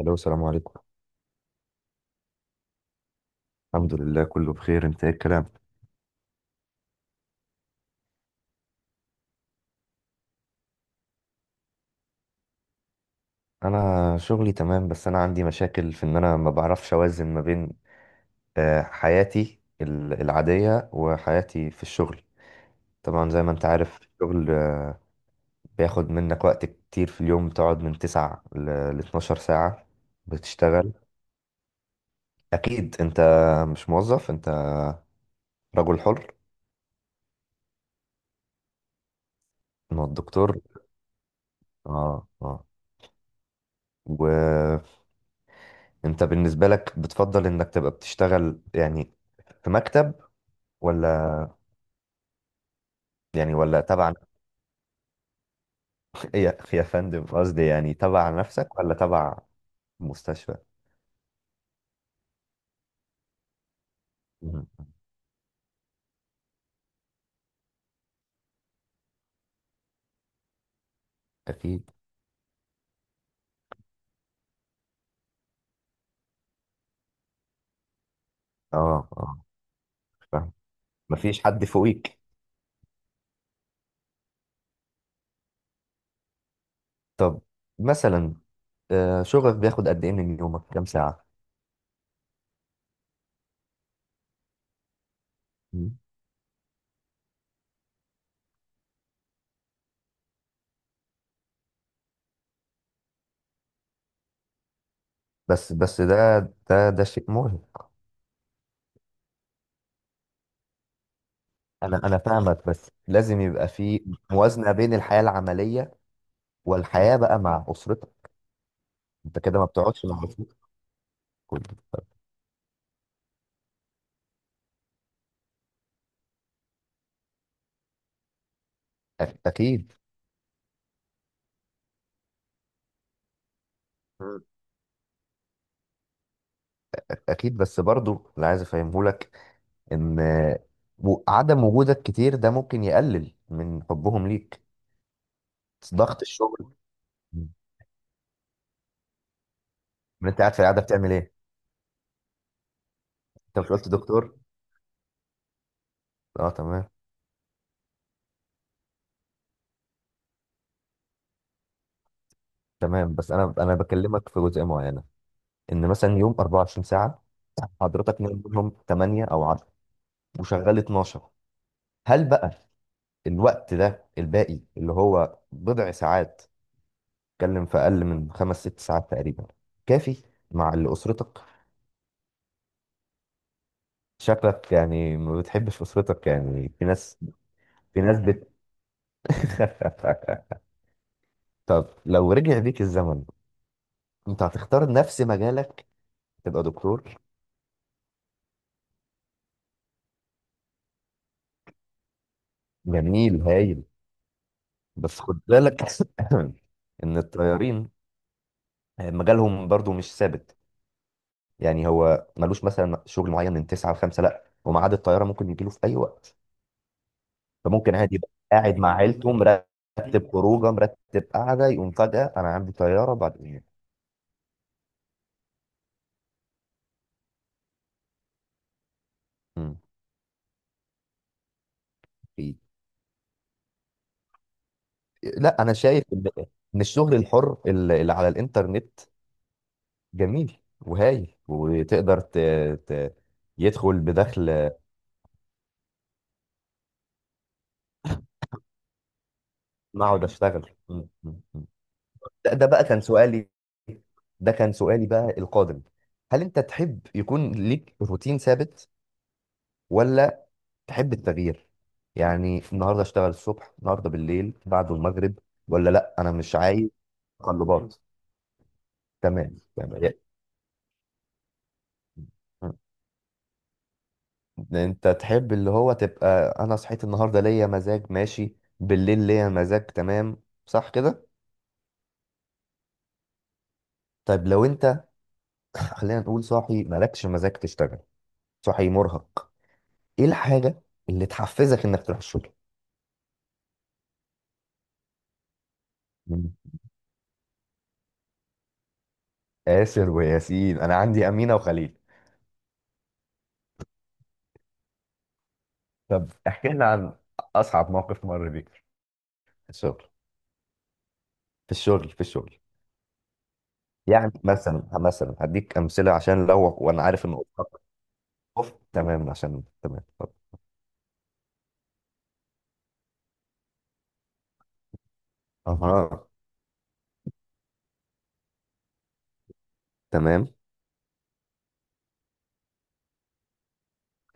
الو. السلام عليكم. الحمد لله، كله بخير. انت ايه الكلام؟ انا شغلي تمام، بس انا عندي مشاكل في ان انا ما بعرفش اوازن ما بين حياتي العادية وحياتي في الشغل. طبعا زي ما انت عارف الشغل بياخد منك وقت كتير في اليوم، بتقعد من 9 ل 12 ساعة. بتشتغل اكيد، انت مش موظف، انت رجل حر. ما هو الدكتور. اه اه، وانت بالنسبة لك بتفضل انك تبقى بتشتغل يعني في مكتب ولا يعني ولا تبع يا يا فندم قصدي يعني تبع نفسك ولا تبع مستشفى مم. أكيد اه اه فاهم، مفيش حد فوقيك. طب مثلا، شغل بياخد قد ايه من يومك، كام ساعة؟ مم. بس ده شيء مرهق. انا فاهمك، بس لازم يبقى في موازنة بين الحياة العملية والحياة بقى مع أسرتك انت كده ما بتقعدش مع أسرتك كل- اكيد. مم. اكيد، بس برضو اللي عايز افهمه لك ان عدم وجودك كتير ده ممكن يقلل من حبهم ليك. ضغط الشغل من، انت قاعد في القعده بتعمل ايه؟ انت مش قلت دكتور؟ اه، تمام. تمام، بس انا بكلمك في جزئيه معينه. ان مثلا يوم 24 ساعه، حضرتك نايم منهم 8 او 10، وشغال 12. هل بقى الوقت ده الباقي، اللي هو بضع ساعات، اتكلم في اقل من خمس ست ساعات تقريبا، كافي مع اللي اسرتك؟ شكلك يعني ما بتحبش اسرتك، يعني في ناس، في ناس. طب لو رجع بيك الزمن، انت هتختار نفس مجالك، تبقى دكتور؟ جميل، هايل. بس خد بالك ان الطيارين مجالهم برضو مش ثابت، يعني هو ملوش مثلا شغل معين من 9 ل 5، لا، وميعاد الطياره ممكن يجيله في اي وقت. فممكن عادي يبقى قاعد مع عيلته، مرتب خروجه، مرتب قعده، يقوم فجاه انا عندي طياره بعد. مم. لا، انا شايف إن الشغل الحر اللي على الانترنت جميل وهايل، وتقدر ت... ت... يدخل بدخل ما اقعد اشتغل م- م- م. ده بقى كان سؤالي، ده كان سؤالي بقى القادم. هل انت تحب يكون ليك روتين ثابت، ولا تحب التغيير؟ يعني النهارده اشتغل الصبح، النهارده بالليل، بعده المغرب، ولا لا انا مش عايز تقلبات. تمام، تمام يا- م. انت تحب اللي هو تبقى انا صحيت النهارده ليا مزاج ماشي، بالليل ليا مزاج تمام، صح كده؟ طيب لو انت، خلينا نقول صاحي مالكش مزاج تشتغل، صاحي مرهق، ايه الحاجة اللي تحفزك انك تروح الشغل؟ مم. آسر وياسين، انا عندي أمينة وخليل. طب احكي لنا عن اصعب موقف مر بيك في الشغل، في الشغل، في الشغل. يعني مثلا، هديك امثلة عشان لو، وانا عارف ان. أوف. تمام، عشان تمام، طب. اها، تمام.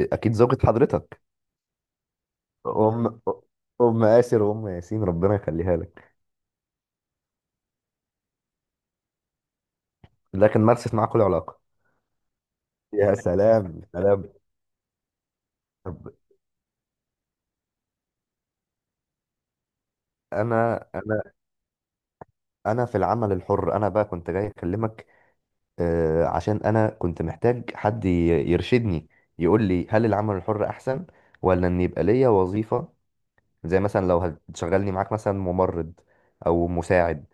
اكيد زوجة حضرتك. ام ام آسر وام ياسين، ربنا يخليها لك. لكن مارست معاك كل علاقة. يا سلام، سلام. طب، انا انا في العمل الحر، انا بقى كنت جاي اكلمك، عشان انا كنت محتاج حد يرشدني، يقول لي هل العمل الحر احسن، ولا ان يبقى ليا وظيفة؟ زي مثلا لو هتشغلني معاك مثلا ممرض او مساعد،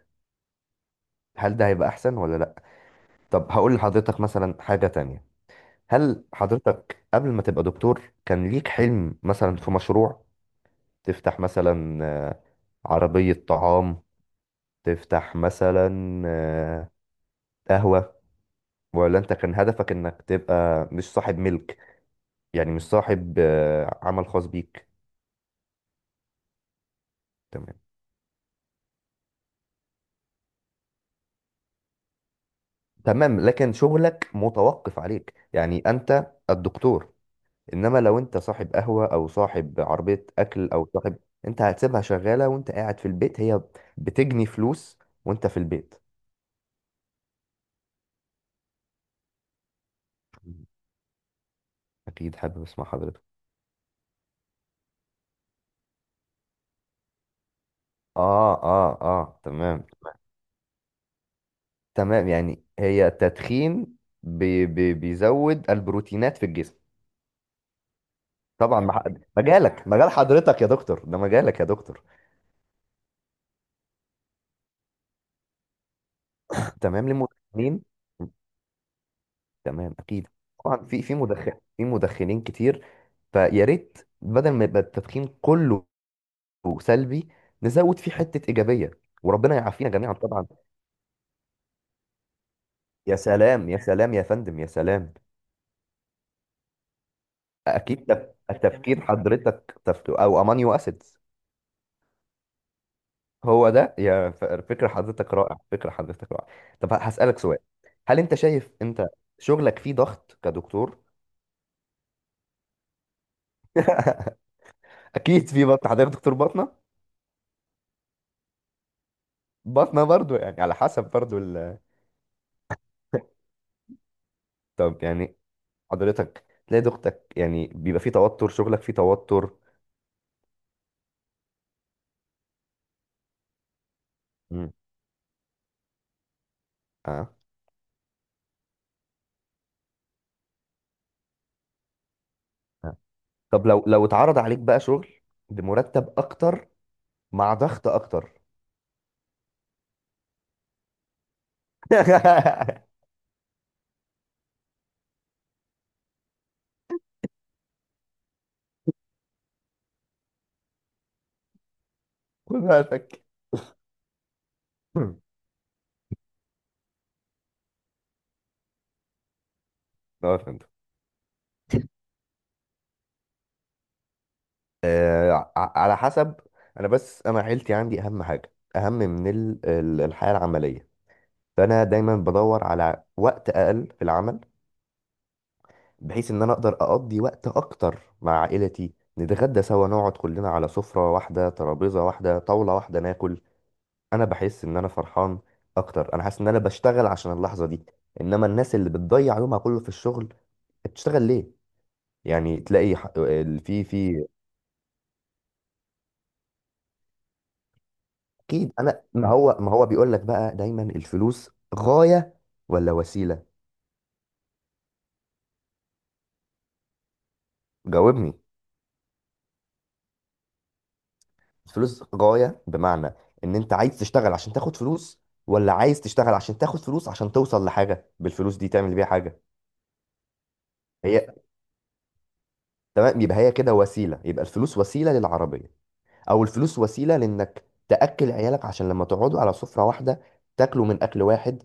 هل ده هيبقى احسن ولا لا؟ طب هقول لحضرتك مثلا حاجة تانية. هل حضرتك قبل ما تبقى دكتور كان ليك حلم مثلا في مشروع، تفتح مثلا عربية طعام، تفتح مثلا آه، قهوة، ولا انت كان هدفك انك تبقى مش صاحب ملك، يعني مش صاحب عمل خاص بيك؟ تمام، تمام، لكن شغلك متوقف عليك، يعني انت الدكتور. انما لو انت صاحب قهوة، او صاحب عربية اكل، او صاحب، انت هتسيبها شغالة وانت قاعد في البيت، هي بتجني فلوس وانت في البيت. اكيد حابب اسمع حضرتك. اه اه اه، تمام. تمام، يعني هي التدخين بي بي بيزود البروتينات في الجسم. طبعا مجالك، مجال حضرتك يا دكتور، ده مجالك يا دكتور. تمام للمدخنين. تمام، اكيد. طبعا في مدخنين كتير، فيا ريت بدل ما يبقى التدخين كله سلبي، نزود فيه حتة إيجابية. وربنا يعافينا جميعا طبعا. يا سلام، يا سلام يا فندم، يا سلام. اكيد التفكير حضرتك او امانيو اسيد. هو ده يا فكرة حضرتك رائع، فكرة حضرتك رائع. طب هسألك سؤال، هل انت شايف انت شغلك فيه ضغط كدكتور؟ اكيد في بطن، حضرتك دكتور باطنة. باطنة برضو، يعني على حسب برضو طب يعني حضرتك تلاقي ضغطك، يعني بيبقى فيه توتر، شغلك فيه توتر؟ مم. آه. آه. طب لو اتعرض عليك بقى شغل بمرتب اكتر، مع ضغط اكتر، خد بالك. اه، فهمت. على حسب. انا بس، انا عيلتي عندي اهم حاجه، اهم من الحياه العمليه، فانا دايما بدور على وقت اقل في العمل، بحيث ان انا اقدر اقضي وقت اكتر مع عائلتي، نتغدى سوا، نقعد كلنا على سفره واحده، ترابيزه واحده، طاوله واحده، ناكل. انا بحس ان انا فرحان اكتر، انا حاسس ان انا بشتغل عشان اللحظه دي. انما الناس اللي بتضيع يومها كله في الشغل، بتشتغل ليه؟ يعني تلاقي ح- ال- في في اكيد انا، ما هو بيقول لك بقى، دايما الفلوس غاية ولا وسيلة؟ جاوبني. الفلوس غاية بمعنى ان انت عايز تشتغل عشان تاخد فلوس، ولا عايز تشتغل عشان تاخد فلوس عشان توصل لحاجة بالفلوس دي تعمل بيها حاجة. هي تمام، يبقى هي كده وسيلة، يبقى الفلوس وسيلة للعربية، او الفلوس وسيلة لانك تأكل عيالك عشان لما تقعدوا على سفرة واحدة، تاكلوا من اكل واحد،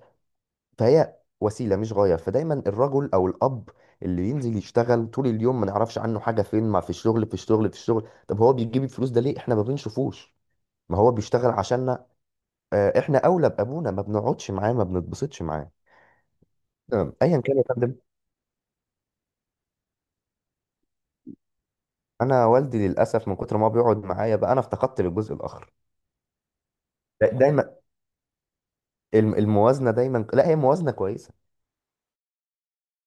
فهي وسيله مش غايه. فدايما الرجل او الاب اللي بينزل يشتغل طول اليوم، ما نعرفش عنه حاجه، فين؟ ما في الشغل، في الشغل، في الشغل. طب هو بيجيب الفلوس ده ليه احنا ما بنشوفوش؟ ما هو بيشتغل عشاننا. احنا اولى بابونا، ما بنقعدش معاه، ما بنتبسطش معاه. تمام، ايا كان يا فندم. انا والدي للاسف من كتر ما هو بيقعد معايا بقى، انا افتقدت للجزء الاخر. دايما الموازنه، دايما لا، هي موازنه كويسه.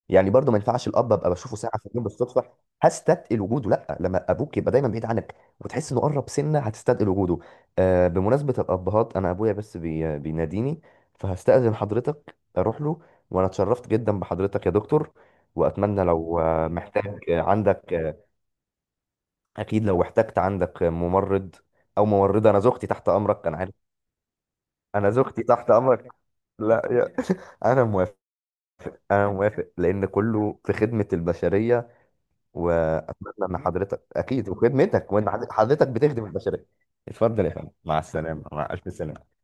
يعني برضو ما ينفعش الاب، ابقى بشوفه ساعه في اليوم بالصدفه، هستثقل وجوده. لا، لما ابوك يبقى دايما بعيد عنك وتحس انه قرب، سنه هتستثقل وجوده. بمناسبه الابهات، انا ابويا بس بيناديني، فهستأذن حضرتك اروح له. وانا اتشرفت جدا بحضرتك يا دكتور. واتمنى لو محتاج عندك، اكيد لو احتجت عندك ممرض او ممرضه، انا زوجتي تحت امرك. انا عارف، انا زوجتي تحت امرك. لا يا، انا موافق. انا موافق لان كله في خدمة البشرية. واتمنى ان حضرتك، اكيد وخدمتك، وان حضرتك بتخدم البشريه. اتفضل يا فندم، مع السلامه، مع الف سلامه.